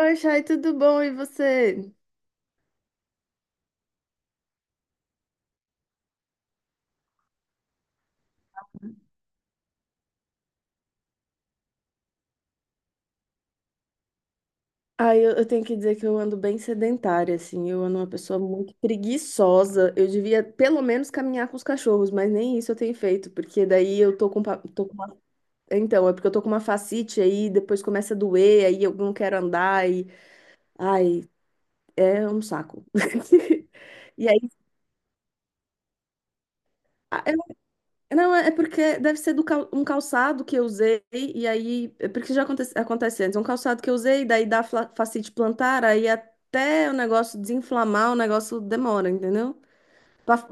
Oi, Chay, tudo bom? E você? Ah, eu tenho que dizer que eu ando bem sedentária, assim. Eu ando uma pessoa muito preguiçosa. Eu devia, pelo menos, caminhar com os cachorros, mas nem isso eu tenho feito, porque daí eu tô com uma. Então, é porque eu tô com uma fascite aí, depois começa a doer, aí eu não quero andar, e. Ai, é um saco. E aí. Não, é porque deve ser um calçado que eu usei, e aí. É. Porque já acontece, antes, um calçado que eu usei, daí fascite plantar, aí até o negócio desinflamar, o negócio demora, entendeu? Pa-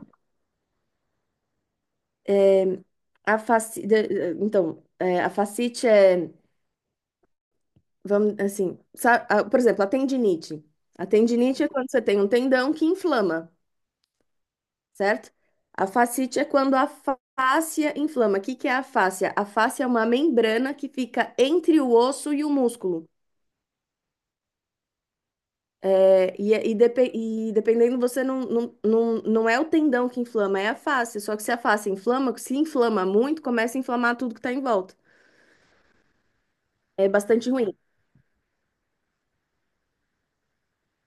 É. A faci... de- eh, Então, é, a fascite é, vamos assim, por exemplo, a tendinite. A tendinite é quando você tem um tendão que inflama. Certo? A fascite é quando a fáscia inflama. O que que é a fáscia? A fáscia é uma membrana que fica entre o osso e o músculo. É, e dependendo, você não é o tendão que inflama, é a fáscia. Só que se a fáscia inflama, se inflama muito, começa a inflamar tudo que está em volta. É bastante ruim.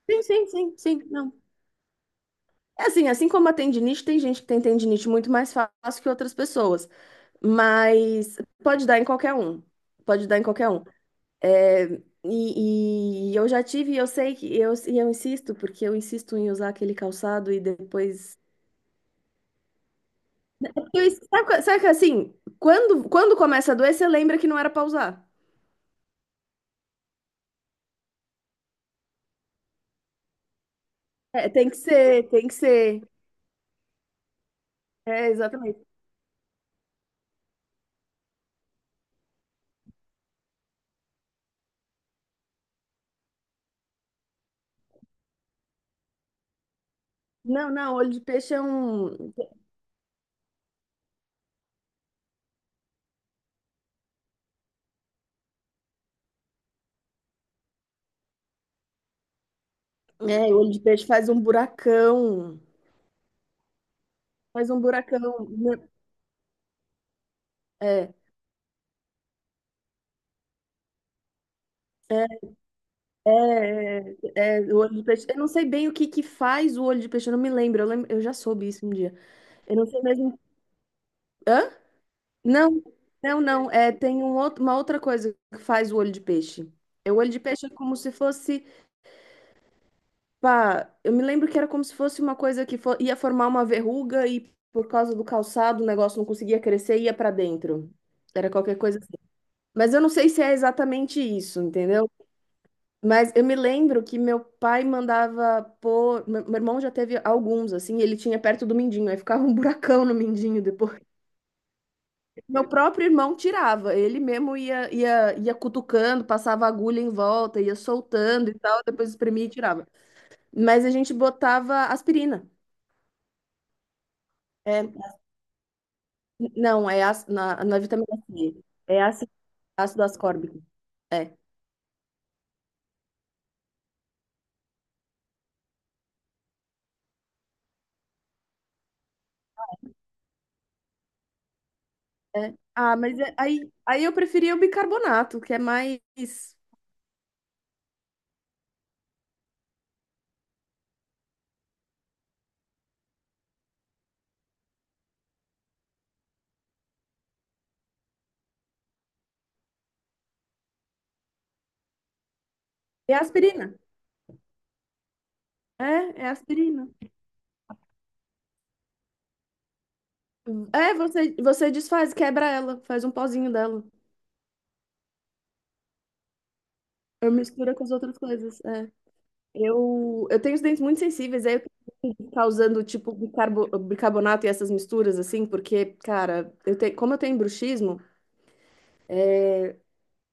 Sim, sim, sim, sim, não. É assim, assim como a tendinite, tem gente que tem tendinite muito mais fácil que outras pessoas, mas pode dar em qualquer um. Pode dar em qualquer um. É. E eu já tive, eu sei que eu, e eu insisto, porque eu insisto em usar aquele calçado e depois. Sabe, sabe que assim, quando começa a doer, você lembra que não era pra usar. É, tem que ser, tem que ser. É, exatamente. Não, não, olho de peixe é um. É, olho de peixe faz um buracão. Faz um buracão. Né? É, o olho de peixe. Eu não sei bem o que que faz o olho de peixe, eu não me lembro. Eu lembro, eu já soube isso um dia. Eu não sei mesmo. Hã? Não, não, não. É, tem uma outra coisa que faz o olho de peixe. É, o olho de peixe é como se fosse, pá, eu me lembro que era como se fosse uma coisa que ia formar uma verruga e por causa do calçado o negócio não conseguia crescer e ia pra dentro. Era qualquer coisa assim. Mas eu não sei se é exatamente isso, entendeu? Mas eu me lembro que meu pai mandava pôr. Meu irmão já teve alguns, assim, ele tinha perto do mindinho, aí ficava um buracão no mindinho depois. Meu próprio irmão tirava, ele mesmo ia cutucando, passava agulha em volta, ia soltando e tal, depois espremia e tirava. Mas a gente botava aspirina. É, não, na vitamina C. É ácido, ácido ascórbico. É, é. Ah, mas aí, eu preferia o bicarbonato, que é mais. É aspirina. É aspirina. É, você desfaz, quebra ela, faz um pozinho dela. Eu mistura com as outras coisas. É. Eu tenho os dentes muito sensíveis, aí eu tenho que ficar usando tipo bicarbonato e essas misturas, assim, porque, cara, eu tenho, como eu tenho bruxismo,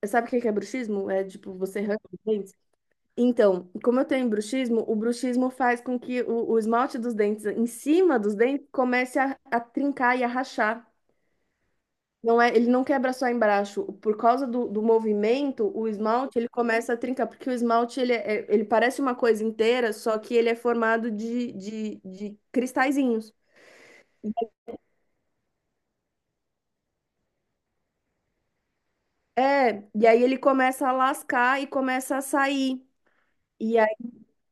sabe o que que é bruxismo? É tipo, você arranca os dentes. Então, como eu tenho bruxismo, o bruxismo faz com que o esmalte dos dentes, em cima dos dentes, comece a trincar e a rachar. Não é, ele não quebra só embaixo. Por causa do movimento, o esmalte ele começa a trincar, porque o esmalte ele parece uma coisa inteira, só que ele é formado de cristalzinhos. É, e aí ele começa a lascar e começa a sair. E aí,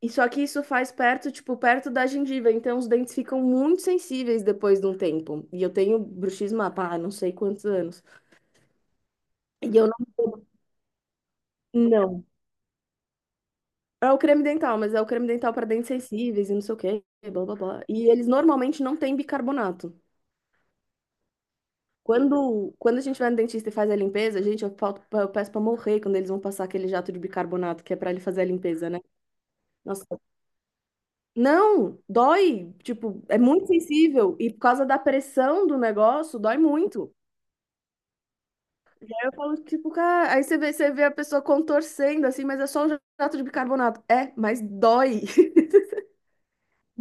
e só que isso faz perto, tipo, perto da gengiva, então os dentes ficam muito sensíveis depois de um tempo. E eu tenho bruxismo há, pá, não sei quantos anos. E eu não, não. É o creme dental, mas é o creme dental para dentes sensíveis e não sei o quê, blá blá blá. E eles normalmente não têm bicarbonato. Quando a gente vai no dentista e faz a limpeza, gente, eu peço pra morrer quando eles vão passar aquele jato de bicarbonato que é pra ele fazer a limpeza, né? Nossa, não, dói, tipo, é muito sensível e por causa da pressão do negócio, dói muito. Aí eu falo, tipo, cara, aí você vê a pessoa contorcendo assim, mas é só um jato de bicarbonato. É, mas dói.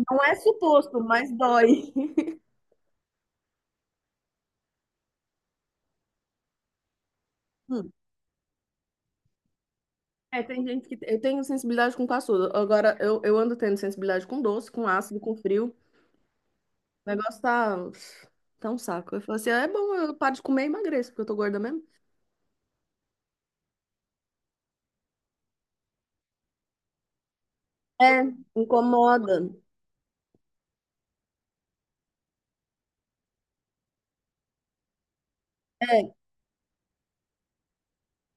Não é suposto, mas dói. É, tem gente que. Eu tenho sensibilidade com caçudo. Agora, eu ando tendo sensibilidade com doce, com ácido, com frio. O negócio tá. Tá um saco. Eu falo assim, "Ah, é bom, eu paro de comer e emagreço, porque eu tô gorda mesmo." É, incomoda. É,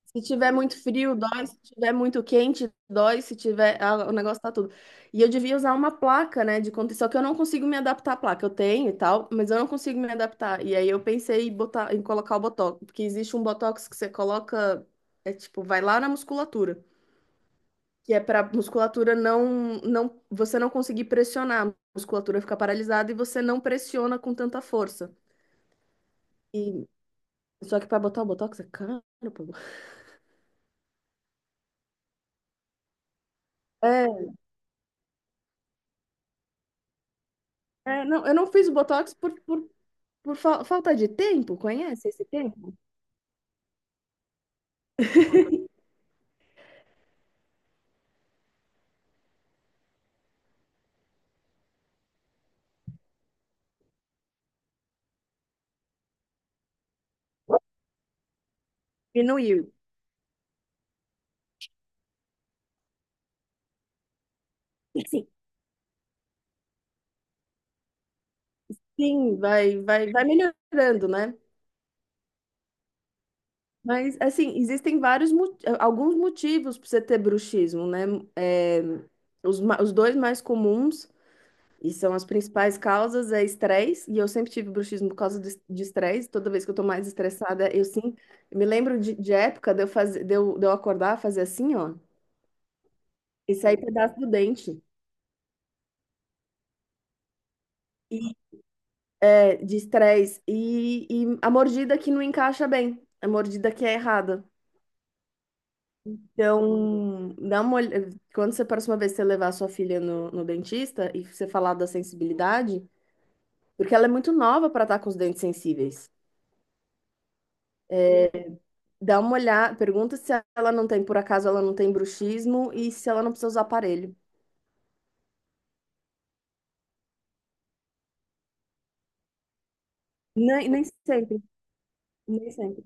se tiver muito frio, dói. Se tiver muito quente, dói. Se tiver, ah, o negócio tá tudo. E eu devia usar uma placa, né, de conta. Só que eu não consigo me adaptar à placa. Eu tenho e tal, mas eu não consigo me adaptar. E aí eu pensei em em colocar o botox, porque existe um botox que você coloca. É tipo, vai lá na musculatura. Que é para musculatura você não conseguir pressionar, a musculatura fica paralisada e você não pressiona com tanta força. E, só que para botar o botox é caro, pô. É, não, eu não fiz o botox por falta de tempo, conhece esse tempo? Diminuiu. Sim, sim, vai melhorando, né? Mas, assim, existem alguns motivos para você ter bruxismo, né? É, os dois mais comuns e são as principais causas é estresse, e eu sempre tive bruxismo por causa de estresse. Toda vez que eu tô mais estressada, eu sim. Eu me lembro de época de eu acordar, fazer assim, ó, e sair pedaço do dente, é, de estresse. E a mordida que não encaixa bem, a mordida que é errada. Então, dá uma olh- Quando você, A próxima vez que você levar a sua filha no dentista e você falar da sensibilidade, porque ela é muito nova para estar com os dentes sensíveis. Dá uma olhada, pergunta se ela não tem, por acaso ela não tem bruxismo e se ela não precisa usar aparelho. Nem sempre, nem sempre.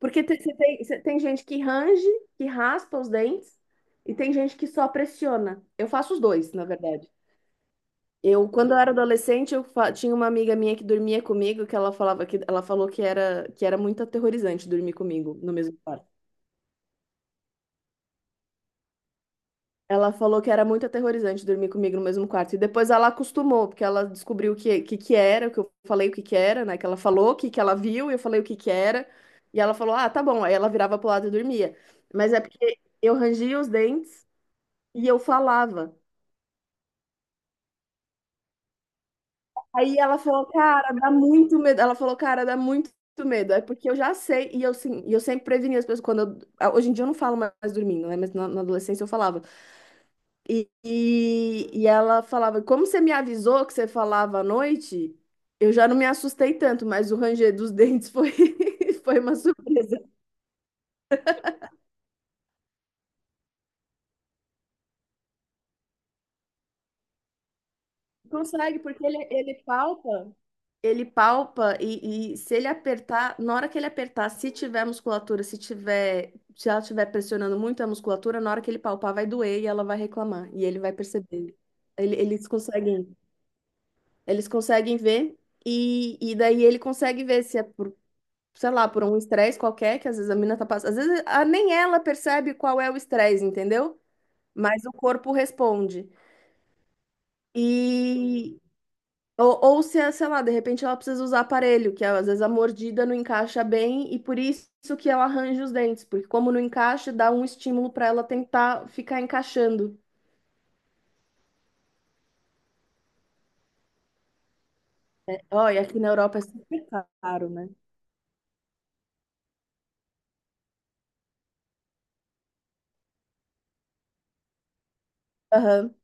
Porque você tem gente que range, que raspa os dentes, e tem gente que só pressiona. Eu faço os dois, na verdade. Quando eu era adolescente, tinha uma amiga minha que dormia comigo, que ela falou que era muito aterrorizante dormir comigo no mesmo quarto. Ela falou que era muito aterrorizante dormir comigo no mesmo quarto. E depois ela acostumou, porque ela descobriu que era, o que eu falei o que era, né? Que ela falou, que ela viu, e eu falei o que era. E ela falou, ah, tá bom. Aí ela virava pro lado e dormia. Mas é porque eu rangia os dentes e eu falava. Aí ela falou, cara, dá muito medo. Ela falou, cara, dá muito medo. É porque eu já sei, e eu, sim, e eu sempre prevenia as pessoas. Hoje em dia eu não falo mais dormindo, né? Mas na adolescência eu falava. E ela falava, como você me avisou que você falava à noite, eu já não me assustei tanto, mas o ranger dos dentes foi, foi uma surpresa. Consegue, porque ele palpa, ele palpa e se ele apertar, na hora que ele apertar, se tiver musculatura, se tiver, se ela estiver pressionando muito a musculatura, na hora que ele palpar vai doer e ela vai reclamar, e ele vai perceber. Eles conseguem, ver e daí ele consegue ver se é por, sei lá, por um estresse qualquer que às vezes a mina tá passando. Às vezes nem ela percebe qual é o estresse, entendeu? Mas o corpo responde. E. Ou se, é, sei lá, de repente ela precisa usar aparelho, que é, às vezes a mordida não encaixa bem e por isso que ela arranja os dentes, porque como não encaixa, dá um estímulo para ela tentar ficar encaixando. Ó, e aqui na Europa é super caro, né? Aham.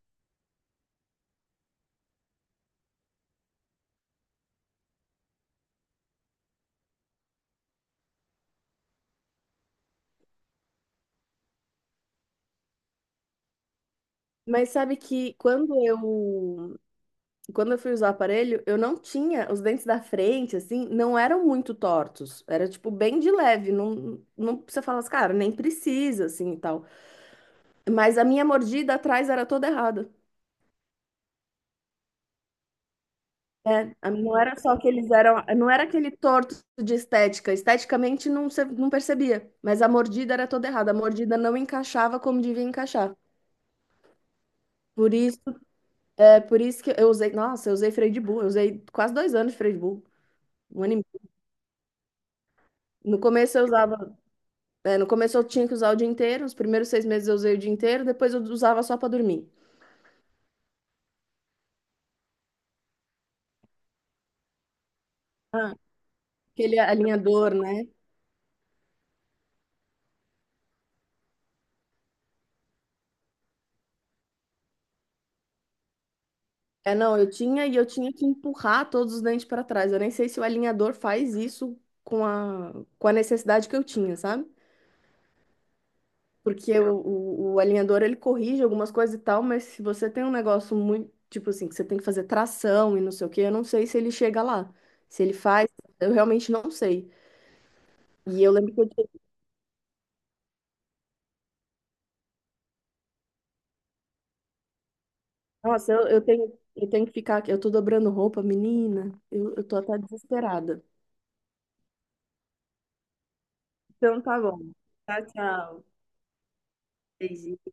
Mas sabe que quando eu fui usar o aparelho, eu não tinha, os dentes da frente, assim, não eram muito tortos. Era, tipo, bem de leve. Não, não precisa falar assim, cara, nem precisa, assim, e tal. Mas a minha mordida atrás era toda errada. Né? Não era só que eles eram, não era aquele torto de estética. Esteticamente não, não percebia, mas a mordida era toda errada. A mordida não encaixava como devia encaixar. Por isso, por isso que eu usei, nossa, eu usei freio de burro. Eu usei quase 2 anos de freio de burro. 1 ano e meio. No começo eu usava. É, no começo eu tinha que usar o dia inteiro, os primeiros 6 meses eu usei o dia inteiro, depois eu usava só para dormir. Ah, aquele alinhador, né? É, não, eu tinha e eu tinha que empurrar todos os dentes para trás. Eu nem sei se o alinhador faz isso com a necessidade que eu tinha, sabe? Porque o alinhador ele corrige algumas coisas e tal, mas se você tem um negócio muito, tipo assim, que você tem que fazer tração e não sei o quê, eu não sei se ele chega lá. Se ele faz, eu realmente não sei. E eu lembro que eu. Nossa, eu tenho que ficar aqui. Eu tô dobrando roupa, menina. Eu tô até desesperada. Então tá bom. Tchau, tchau. Beijinho.